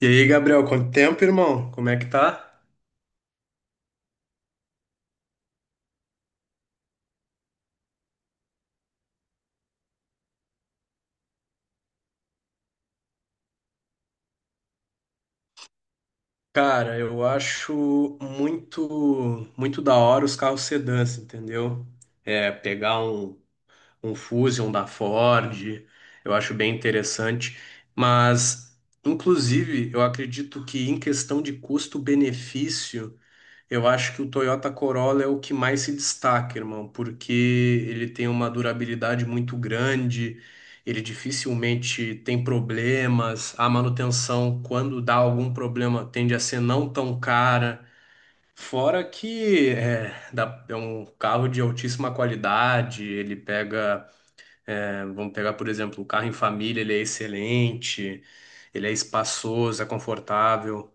E aí, Gabriel, quanto tempo, irmão? Como é que tá? Cara, eu acho muito muito da hora os carros sedãs, entendeu? Pegar um Fusion da Ford, eu acho bem interessante. Mas, inclusive, eu acredito que em questão de custo-benefício, eu acho que o Toyota Corolla é o que mais se destaca, irmão, porque ele tem uma durabilidade muito grande, ele dificilmente tem problemas, a manutenção, quando dá algum problema, tende a ser não tão cara. Fora que é um carro de altíssima qualidade, ele pega, vamos pegar, por exemplo, o carro em família, ele é excelente, ele é espaçoso, é confortável.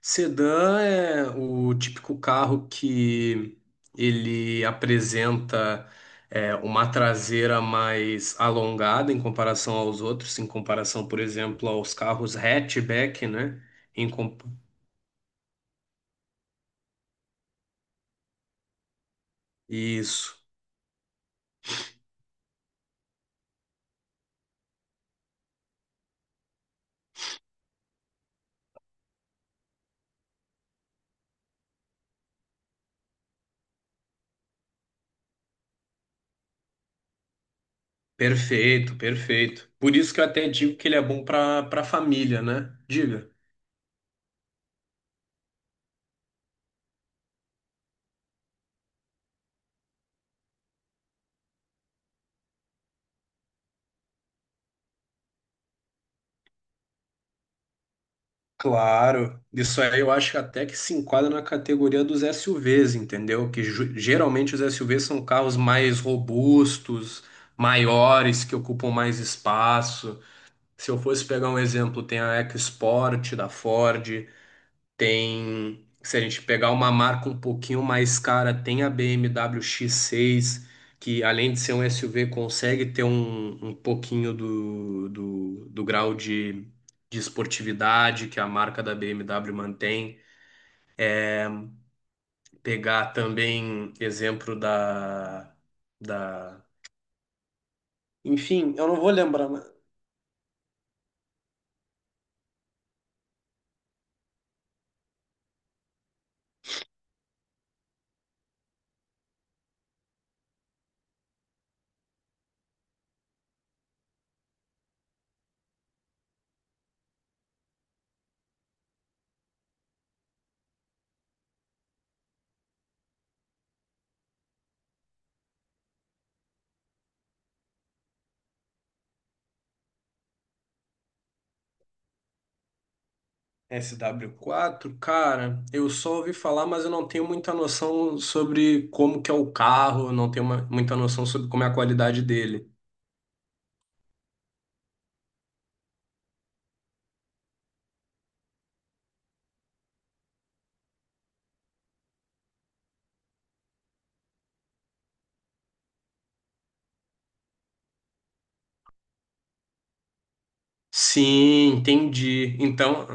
Sedã é o típico carro que ele apresenta uma traseira mais alongada em comparação aos outros, em comparação, por exemplo, aos carros hatchback, né? Em comp- Isso. Perfeito, perfeito. Por isso que eu até digo que ele é bom para família, né? Diga. Claro, isso aí eu acho que até que se enquadra na categoria dos SUVs, entendeu? Que geralmente os SUVs são carros mais robustos, maiores, que ocupam mais espaço. Se eu fosse pegar um exemplo, tem a EcoSport da Ford, tem, se a gente pegar uma marca um pouquinho mais cara, tem a BMW X6, que além de ser um SUV, consegue ter um pouquinho do grau de esportividade que a marca da BMW mantém. Pegar também exemplo da, da. Enfim, eu não vou lembrar. SW4, cara, eu só ouvi falar, mas eu não tenho muita noção sobre como que é o carro, não tenho muita noção sobre como é a qualidade dele. Sim, entendi. Então,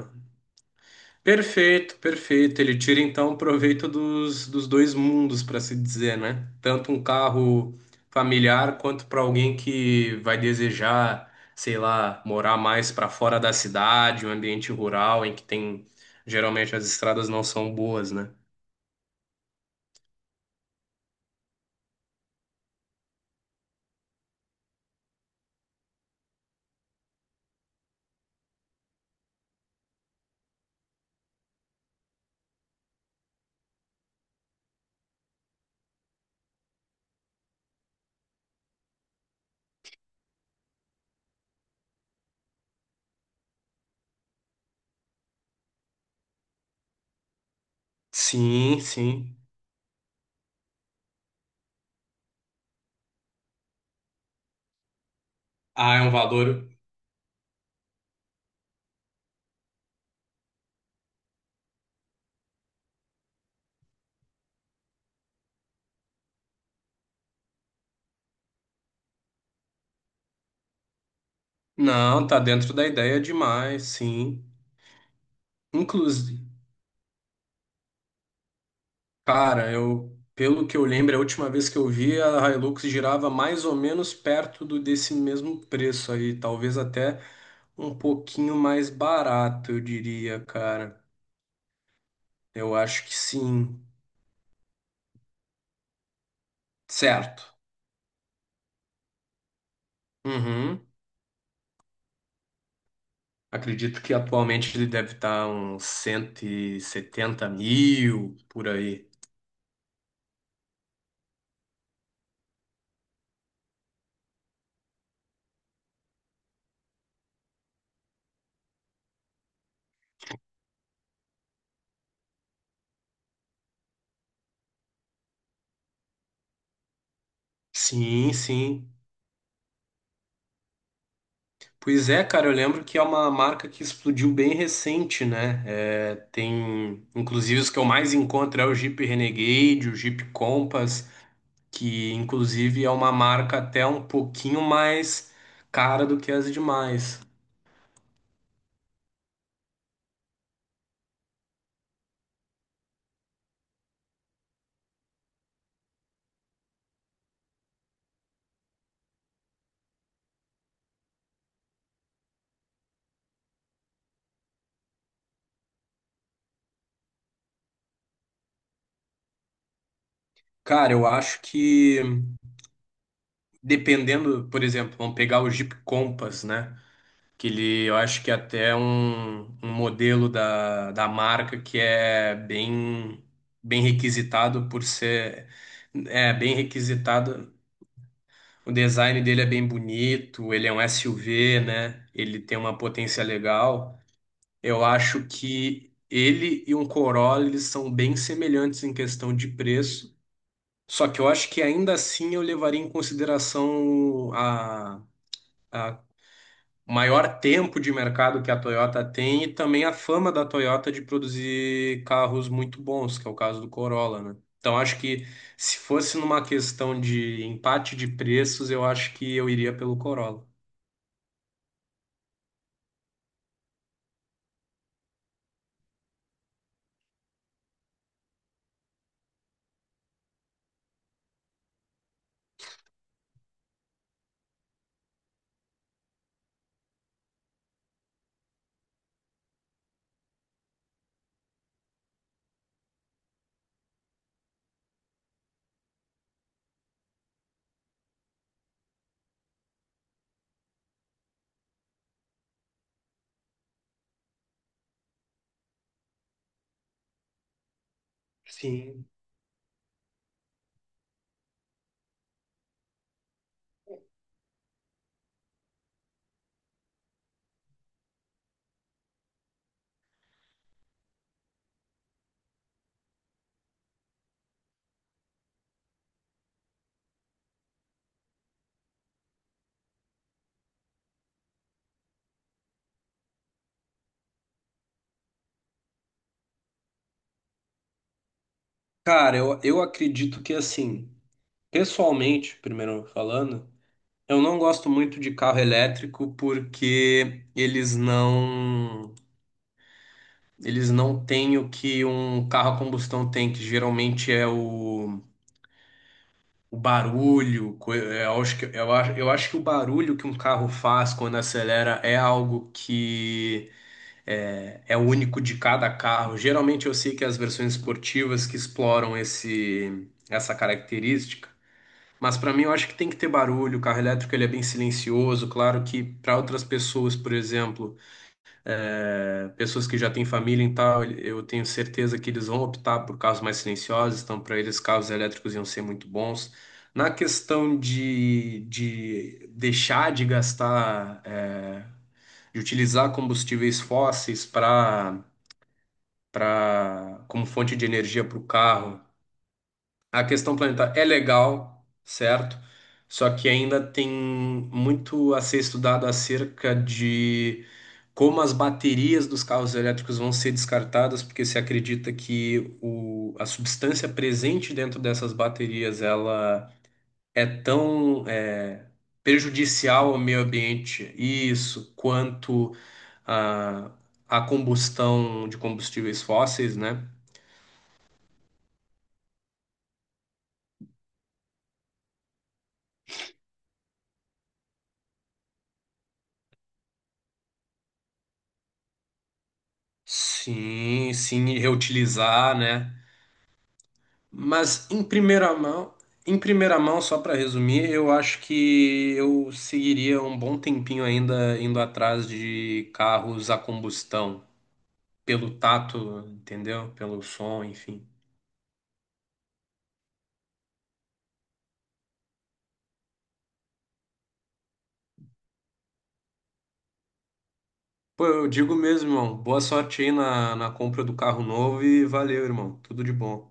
perfeito, perfeito. Ele tira então proveito dos dois mundos, para se dizer, né? Tanto um carro familiar quanto para alguém que vai desejar, sei lá, morar mais para fora da cidade, um ambiente rural em que tem geralmente as estradas não são boas, né? Sim, sim. Ah, é um valor. Não, tá dentro da ideia demais, sim. Inclusive, cara, pelo que eu lembro, a última vez que eu vi a Hilux girava mais ou menos perto do desse mesmo preço aí, talvez até um pouquinho mais barato, eu diria, cara. Eu acho que sim. Certo. Uhum. Acredito que atualmente ele deve estar uns 170 mil por aí. Sim, sim. Pois é, cara, eu lembro que é uma marca que explodiu bem recente, né? Tem, inclusive, os que eu mais encontro é o Jeep Renegade, o Jeep Compass, que inclusive é uma marca até um pouquinho mais cara do que as demais. Cara, eu acho que dependendo, por exemplo, vamos pegar o Jeep Compass, né? Que ele, eu acho que é até um modelo da marca que é bem, bem requisitado por ser, é bem requisitado. O design dele é bem bonito, ele é um SUV, né? Ele tem uma potência legal. Eu acho que ele e um Corolla, eles são bem semelhantes em questão de preço. Só que eu acho que ainda assim eu levaria em consideração a maior tempo de mercado que a Toyota tem e também a fama da Toyota de produzir carros muito bons, que é o caso do Corolla, né? Então acho que se fosse numa questão de empate de preços, eu acho que eu iria pelo Corolla. Sim. Cara, eu acredito que assim, pessoalmente, primeiro falando, eu não gosto muito de carro elétrico porque eles não têm o que um carro a combustão tem, que geralmente é o barulho, eu acho que o barulho que um carro faz quando acelera é algo que é único de cada carro. Geralmente eu sei que as versões esportivas que exploram esse, essa característica, mas para mim eu acho que tem que ter barulho. O carro elétrico ele é bem silencioso. Claro que para outras pessoas, por exemplo pessoas que já têm família e tal, eu tenho certeza que eles vão optar por carros mais silenciosos, então para eles carros elétricos iam ser muito bons. Na questão de deixar de gastar, de utilizar combustíveis fósseis para como fonte de energia para o carro, a questão planetária é legal, certo? Só que ainda tem muito a ser estudado acerca de como as baterias dos carros elétricos vão ser descartadas, porque se acredita que a substância presente dentro dessas baterias ela é tão prejudicial ao meio ambiente, isso, quanto a, a combustão de combustíveis fósseis, né? Sim, sim, e reutilizar, né? Mas em primeira mão, só para resumir, eu acho que eu seguiria um bom tempinho ainda indo atrás de carros a combustão, pelo tato, entendeu? Pelo som, enfim. Pô, eu digo mesmo, irmão, boa sorte aí na compra do carro novo e valeu, irmão. Tudo de bom.